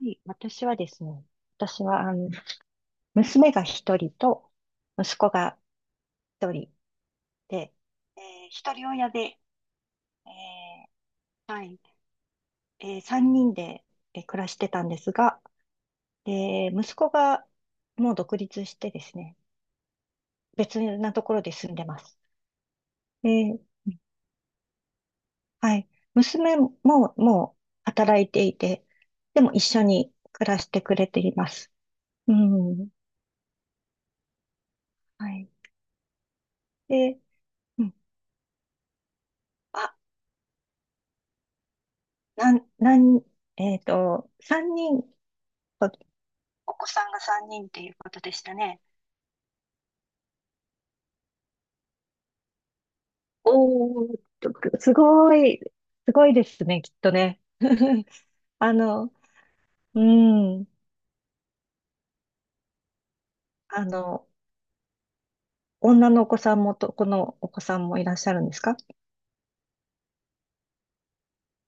はい、私はですね、私は、娘が一人と、息子が一人で、えー一人親で、えはい、三人で、暮らしてたんですが、息子がもう独立してですね、別なところで住んでます。えーはい、娘ももう働いていて、でも一緒に暮らしてくれています。うん、はい。で、うん、あ、なん、なん、えっと、三人、おお子さんが三人っていうことでしたね。おー、すごい、すごいですね、きっとね。あの、うん、あの、女のお子さんも男のお子さんもいらっしゃるんですか？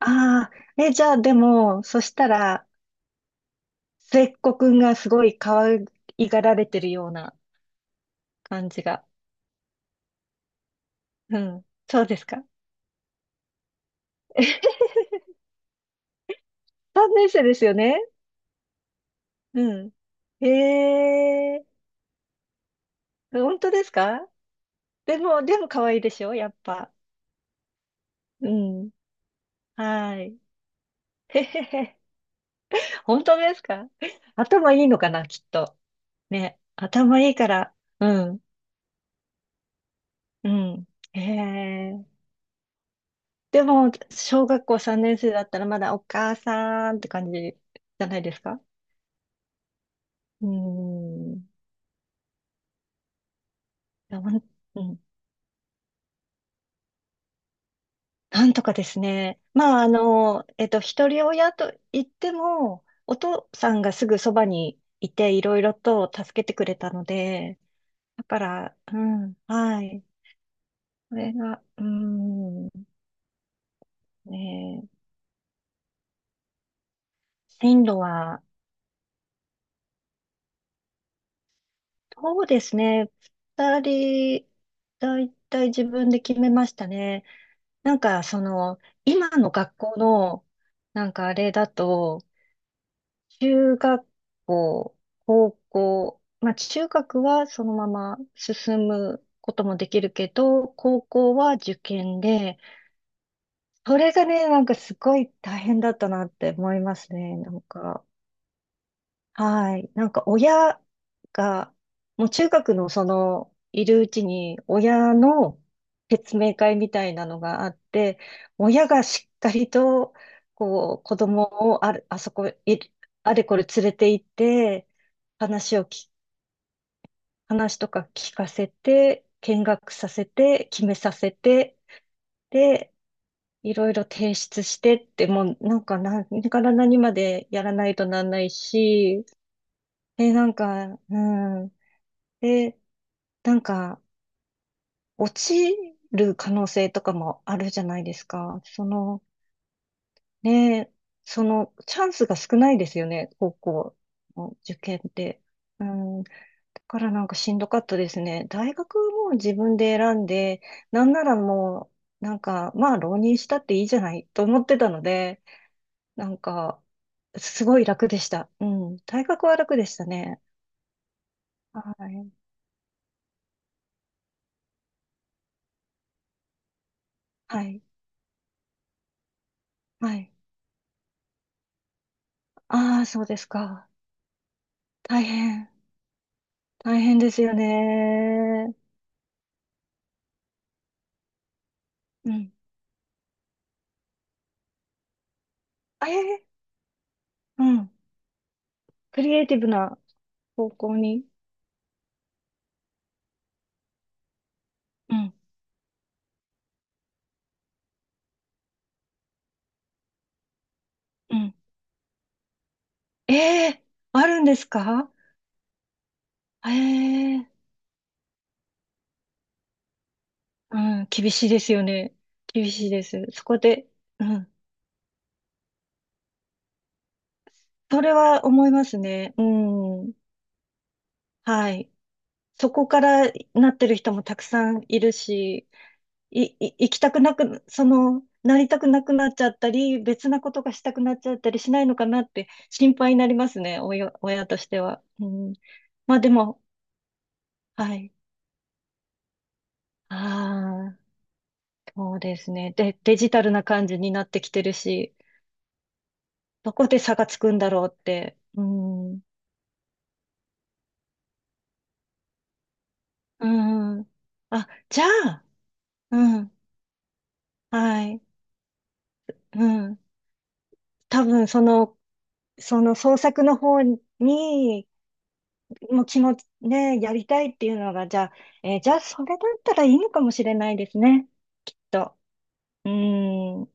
ああー、え、じゃあでも、そしたら、末っ子くんがすごい可愛がられてるような感じが。うん、そうですか。3年生ですよね。うん。へえ。本当ですか？でも、可愛いでしょやっぱ。うん。はい。へへへ。本当ですか？頭いいのかなきっと。ね。頭いいから。うん。うん。へえ。でも、小学校3年生だったらまだお母さんって感じじゃないですか？うん。いやほんうん。なんとかですね。まあ、一人親と言っても、お父さんがすぐそばにいて、いろいろと助けてくれたので、だから、うん、はい。これが、うん、ね、進路は、そうですね。二人、だいたい自分で決めましたね。なんか、その、今の学校の、なんかあれだと、中学校、高校、まあ中学はそのまま進むこともできるけど、高校は受験で、それがね、なんかすごい大変だったなって思いますね、なんか。はい。なんか親が、もう中学のその、いるうちに親の説明会みたいなのがあって、親がしっかりと、こう、子供をある、あそこ、い、あれこれ連れて行って、話をき、話とか聞かせて、見学させて、決めさせて、で、いろいろ提出してって、もうなんか何から何までやらないとなんないし、なんか、うん。で、なんか、落ちる可能性とかもあるじゃないですか。ね、その、チャンスが少ないですよね、高校の受験って。うん、だからなんかしんどかったですね。大学も自分で選んで、なんならもう、なんか、まあ、浪人したっていいじゃないと思ってたので、なんか、すごい楽でした。うん、大学は楽でしたね。はい。はい。はい。ああ、そうですか。大変。大変ですよね。うん。ええー、うん。クリエイティブな方向に。うん。うん。ええ、あるんですか？ええ、うん。厳しいですよね。厳しいです。そこで、うん。それは思いますね。うん。はい。そこからなってる人もたくさんいるし、い、い、行きたくなく、その、なりたくなくなっちゃったり、別なことがしたくなっちゃったりしないのかなって心配になりますね、親としては。うん。まあでも、はい。ああ、そうですね。で、デジタルな感じになってきてるし、どこで差がつくんだろうって。うん。うん。あ、じゃあ、うん。はい。うん。多分、その、創作の方にもう気持ち、ね、やりたいっていうのが、じゃあ、それだったらいいのかもしれないですね。きっと。うーん。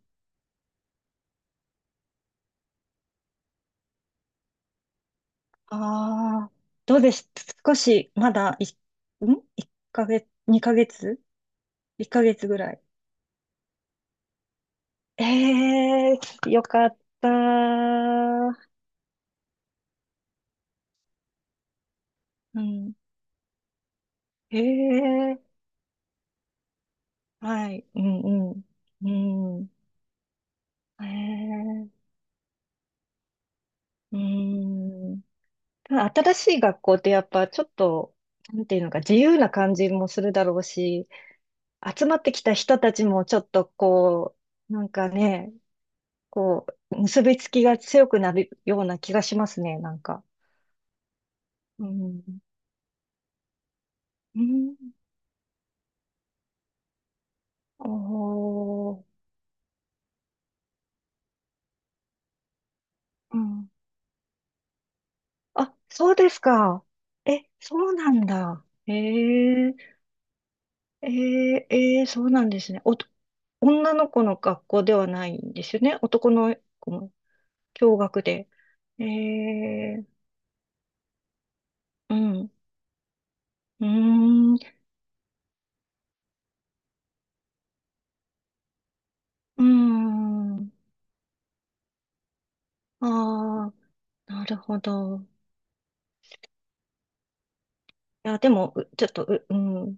ああ、どうです？少し、まだ、1 ヶ月、2ヶ月？ 1 ヶ月ぐらい。ええー、よかった。うん。ええー、はい。うんうん。うん。ええー、うん。ただ新しい学校ってやっぱちょっと、なんていうのか、自由な感じもするだろうし、集まってきた人たちもちょっとこう、なんかね、こう、結びつきが強くなるような気がしますね、なんか。うん。うん。おー。うん。あ、そうですか。え、そうなんだ。そうなんですね。女の子の学校ではないんですよね。男の子も。驚愕で。ええ、うん、うーん、うーん。ああ、なるほど。いや、でも、うちょっと、う、うん、う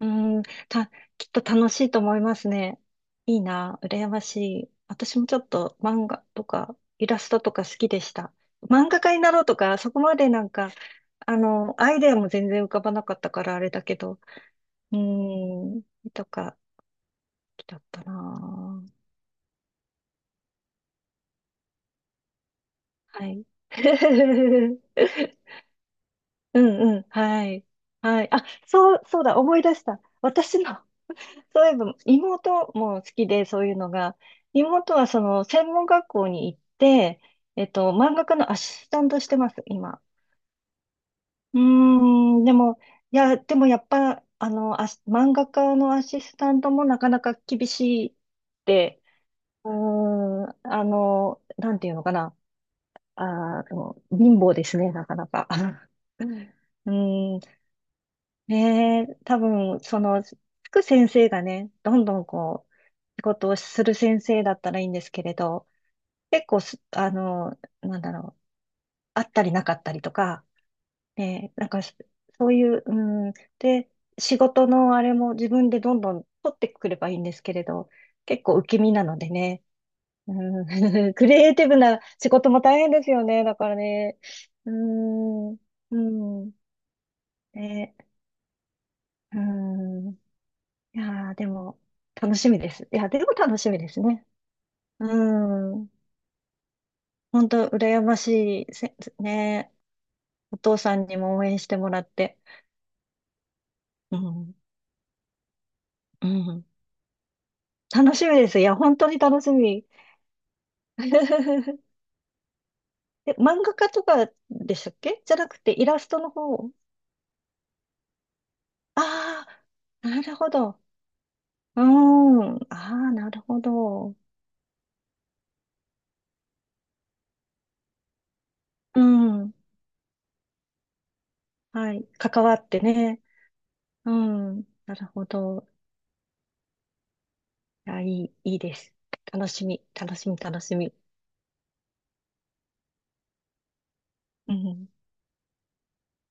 ーん、た、きっと楽しいと思いますね。いいな、羨ましい。私もちょっと漫画とか、イラストとか好きでした。漫画家になろうとか、そこまでなんか、アイデアも全然浮かばなかったからあれだけど、うーん、とか、好きだったな。はい。うんうん。はい。はい。あ、そうだ、思い出した。私の、そういえば、妹も好きで、そういうのが。妹は、その、専門学校に行って、漫画家のアシスタントしてます、今。うーん、でも、いや、でもやっぱ、漫画家のアシスタントもなかなか厳しいって、うーん、なんていうのかな。あの貧乏ですね、なかなか。うん、ねえ、多分、その、つく先生がね、どんどんこう、仕事をする先生だったらいいんですけれど、結構す、あの、なんだろう、あったりなかったりとか、ねえ、なんか、そういう、うん、で、仕事のあれも自分でどんどん取ってくればいいんですけれど、結構受け身なのでね、うん。 クリエイティブな仕事も大変ですよね。だからね。うーん。うん。ね。うん。いやー、でも、楽しみです。いや、でも楽しみですね。うん。本当羨ましい。ね。お父さんにも応援してもらって。うん。うん。楽しみです。いや、本当に楽しみ。え、漫画家とかでしたっけ？じゃなくて、イラストの方。ああ、なるほど。うーん。ああ、なるほど。うん。はい。関わってね。うん。なるほど。いや、いいです。楽しみ、楽しみ、楽しみ。うん。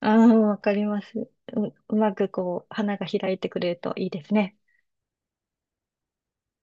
ああ、わかります。うまくこう、花が開いてくれるといいですね。